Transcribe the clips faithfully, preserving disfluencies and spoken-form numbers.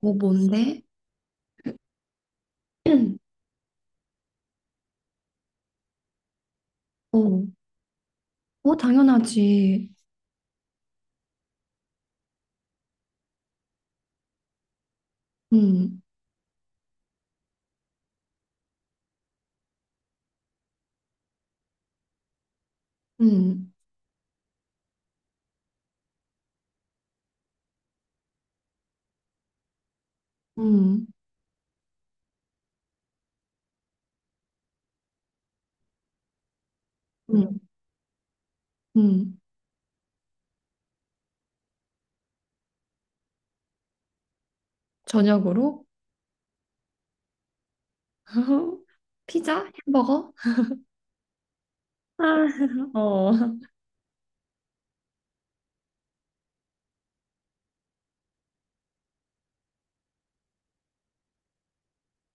어, 뭔데? 어, 어, 당연하지. 음, 음, 음, 음, 음. 저녁으로? 피자? 햄버거? 아, 어.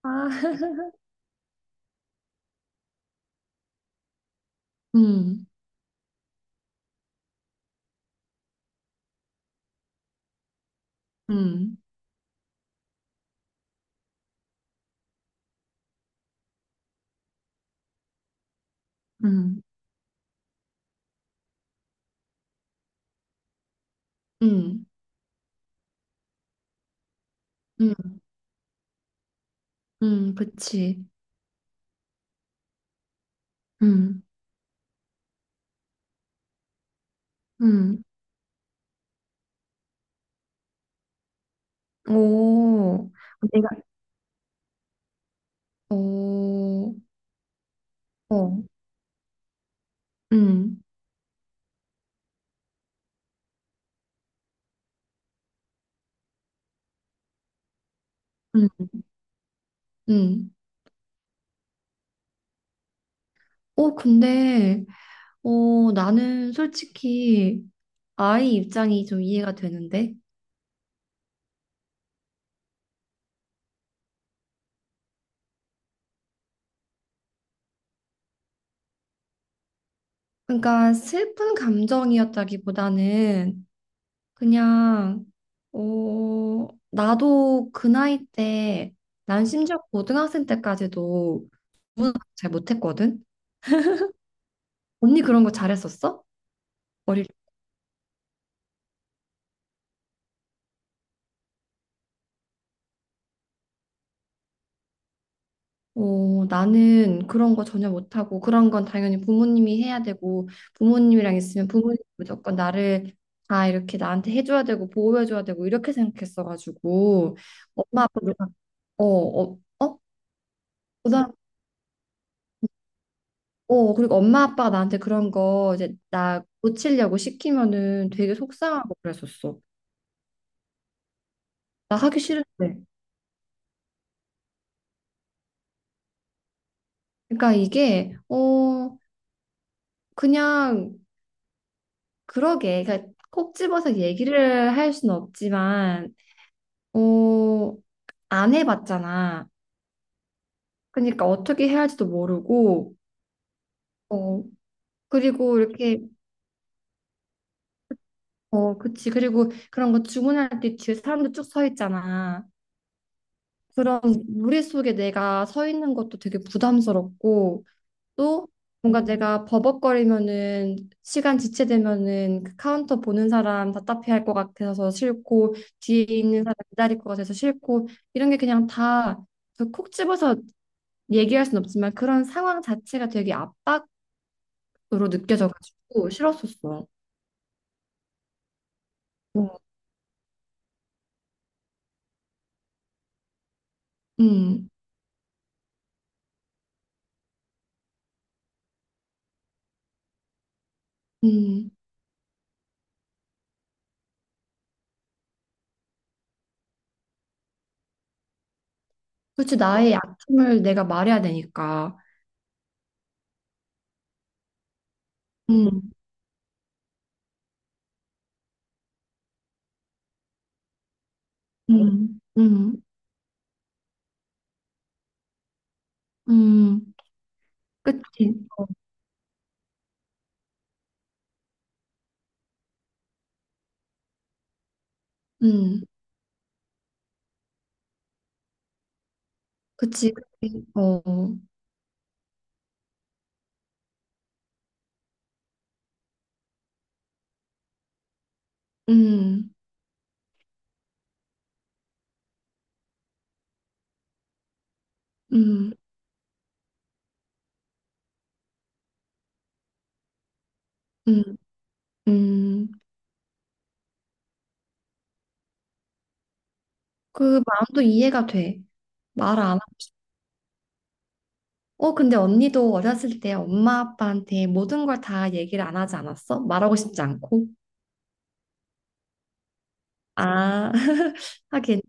아, 음, 음, 음, 음, 음, 음, 그치. 음, 음. 오, 내가, 오, 어, 음, 음, 음. 어, 근데, 어, 나는 솔직히, 아이 입장이 좀 이해가 되는데. 그러니까 슬픈 감정이었다기보다는 그냥 어, 나도 그 나이 때 난 심지어 고등학생 때까지도 구문을 잘 못했거든. 언니 그런 거 잘했었어? 어릴 어, 나는 그런 거 전혀 못하고 그런 건 당연히 부모님이 해야 되고 부모님이랑 있으면 부모님 무조건 나를 다 이렇게 나한테 해줘야 되고 보호해줘야 되고 이렇게 생각했어가지고 엄마 아빠가 어, 어, 어? 그 사람- 어, 그리고 엄마 아빠가 나한테 그런 거 이제 나 고치려고 시키면은 되게 속상하고 그랬었어. 나 하기 싫은데. 그러니까 이게 어 그냥 그러게. 그러니까 콕 집어서 얘기를 할 수는 없지만 어 안 해봤잖아. 그러니까 어떻게 해야 할지도 모르고, 어, 그리고 이렇게, 어, 그치. 그리고 그런 거 주문할 때 뒤에 사람도 쭉 서 있잖아. 그런 무리 속에 내가 서 있는 것도 되게 부담스럽고, 또 뭔가 내가 버벅거리면은, 시간 지체되면은 그 카운터 보는 사람 답답해 할 것 같아서 싫고, 뒤에 있는 사람 기다릴 것 같아서 싫고, 이런 게 그냥 다 그 콕 집어서 얘기할 순 없지만 그런 상황 자체가 되게 압박 으로 느껴져가지고 싫었었어. 어, 음, 음. 그렇지, 나의 약점을 내가 말해야 되니까. 음, 음, 음, 음. 그치, 음, 그치, 그치. 어, 음, 음, 음, 음. 그 마음도 이해가 돼. 말 안 하고 싶어. 어, 근데 언니도 어렸을 때 엄마 아빠한테 모든 걸 다 얘기를 안 하지 않았어? 말하고 싶지 않고. 아, 하긴.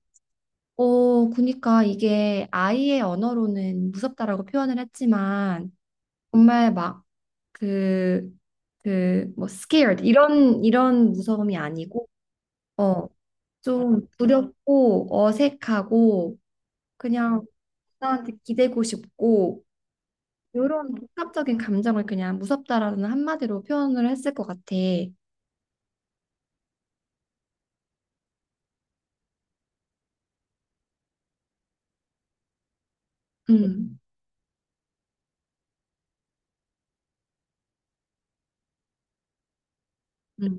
어, 그니까 이게 아이의 언어로는 무섭다라고 표현을 했지만 정말 막 그, 그, 뭐, 스케어드 이런, 이런 무서움이 아니고, 어, 좀 두렵고 어색하고 그냥 나한테 기대고 싶고 이런 복합적인 감정을 그냥 무섭다라는 한마디로 표현을 했을 것 같아. 음, 음,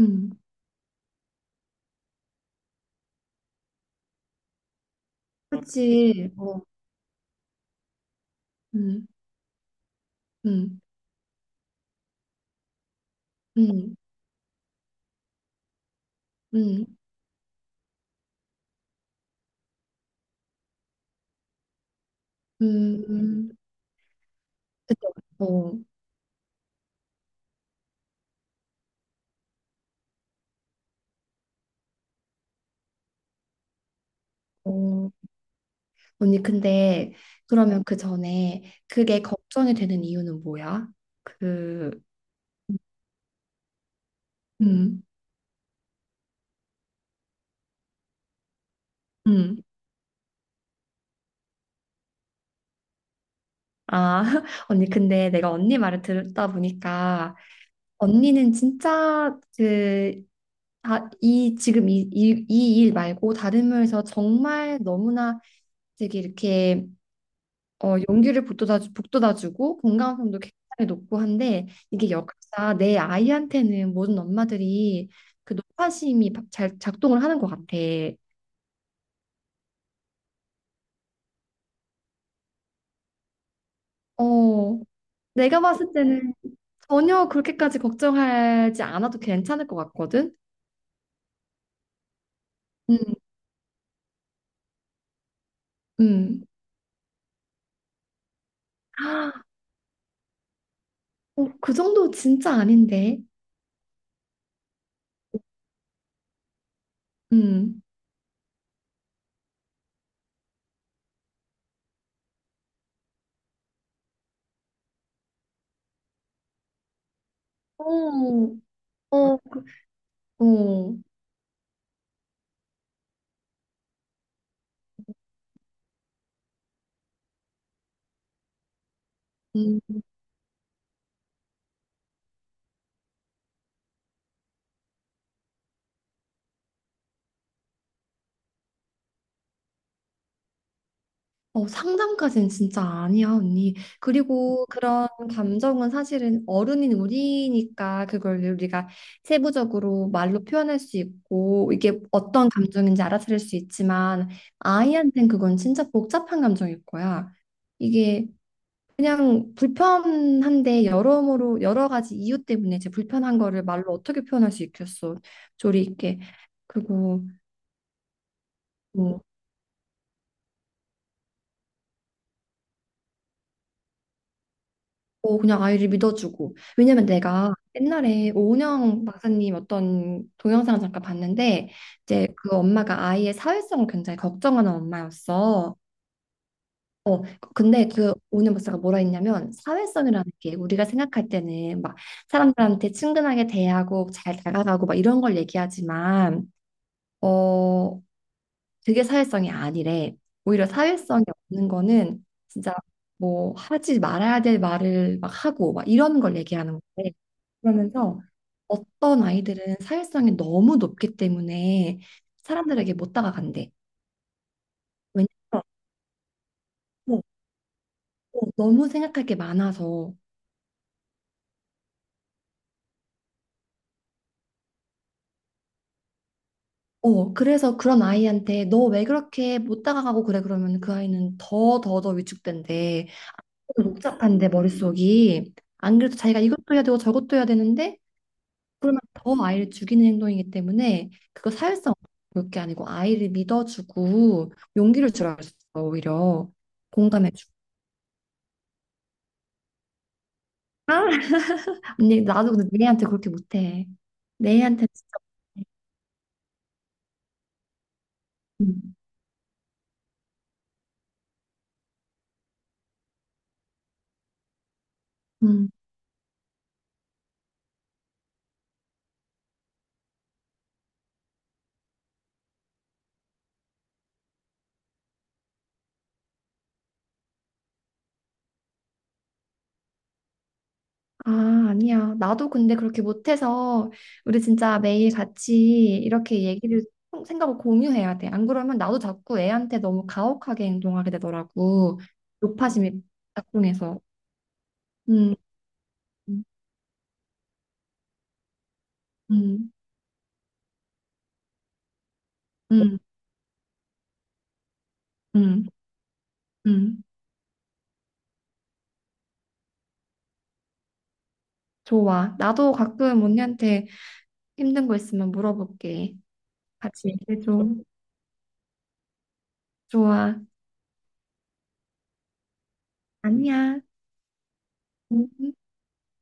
음. 그렇지. 어, 음, 음, 음, 음, 음, 음. 그쵸. 어. 어, 언니, 근데 응. 그러면 그 전에 그게 걱정이 되는 이유는 뭐야? 그, 음, 음. 아, 언니, 근데 내가 언니 말을 들다 보니까 언니는 진짜 그, 아, 이, 지금 이, 이, 이 일 말고 다른 면에서 정말 너무나 되게 이렇게 어, 용기를 북돋아, 북돋아주고 건강성도 굉장히 높고 한데 이게 역사 내 아이한테는 모든 엄마들이 그 노파심이 바- 잘 작동을 하는 것 같아. 어, 내가 봤을 때는 전혀 그렇게까지 걱정하지 않아도 괜찮을 것 같거든. 음, 음. 아, 어, 그 정도 진짜 아닌데. 음. 어, 어, 어. 음. 어, 상담까지는 진짜 아니야, 언니. 그리고 그런 감정은 사실은 어른인 우리니까 그걸 우리가 세부적으로 말로 표현할 수 있고 이게 어떤 감정인지 알아차릴 수 있지만 아이한텐 그건 진짜 복잡한 감정일 거야. 이게 그냥 불편한데 여러모로 여러 가지 이유 때문에 제 불편한 거를 말로 어떻게 표현할 수 있겠어. 조리 있게. 그리고 뭐 어, 그냥 아이를 믿어주고. 왜냐면 내가 옛날에 오은영 박사님 어떤 동영상 잠깐 봤는데, 이제 그 엄마가 아이의 사회성을 굉장히 걱정하는 엄마였어. 어, 근데 그 오은영 박사가 뭐라 했냐면, 사회성이라는 게 우리가 생각할 때는 막 사람들한테 친근하게 대하고 잘 다가가고 막 이런 걸 얘기하지만, 어, 그게 사회성이 아니래. 오히려 사회성이 없는 거는 진짜 뭐 하지 말아야 될 말을 막 하고 막 이런 걸 얘기하는 건데 그러면서 어떤 아이들은 사회성이 너무 높기 때문에 사람들에게 못 다가간대. 왜냐면 어, 어, 너무 생각할 게 많아서. 어, 그래서 그런 아이한테 너 왜 그렇게 못 다가가고 그래? 그러면 그 아이는 더 더 더 위축된대. 복잡한데 머릿속이. 안 그래도 자기가 이것도 해야 되고 저것도 해야 되는데 그러면 더 아이를 죽이는 행동이기 때문에 그거 사회성 볼게 아니고 아이를 믿어주고 용기를 주라 그랬어, 오히려 공감해주고. 아, 근데 나도 근데 내한테 그렇게 못해. 내한테 진짜 못해. 음. 음. 아, 아니야. 나도 근데 그렇게 못해서 우리 진짜 매일 같이 이렇게 얘기를 통- 생각을 공유해야 돼. 안 그러면 나도 자꾸 애한테 너무 가혹하게 행동하게 되더라고. 높아심이 작동해서. 음, 음, 음, 음, 음. 음. 좋아. 나도 가끔 언니한테 힘든 거 있으면 물어볼게. 같이 얘기해줘. 좋아. 아니야. 음.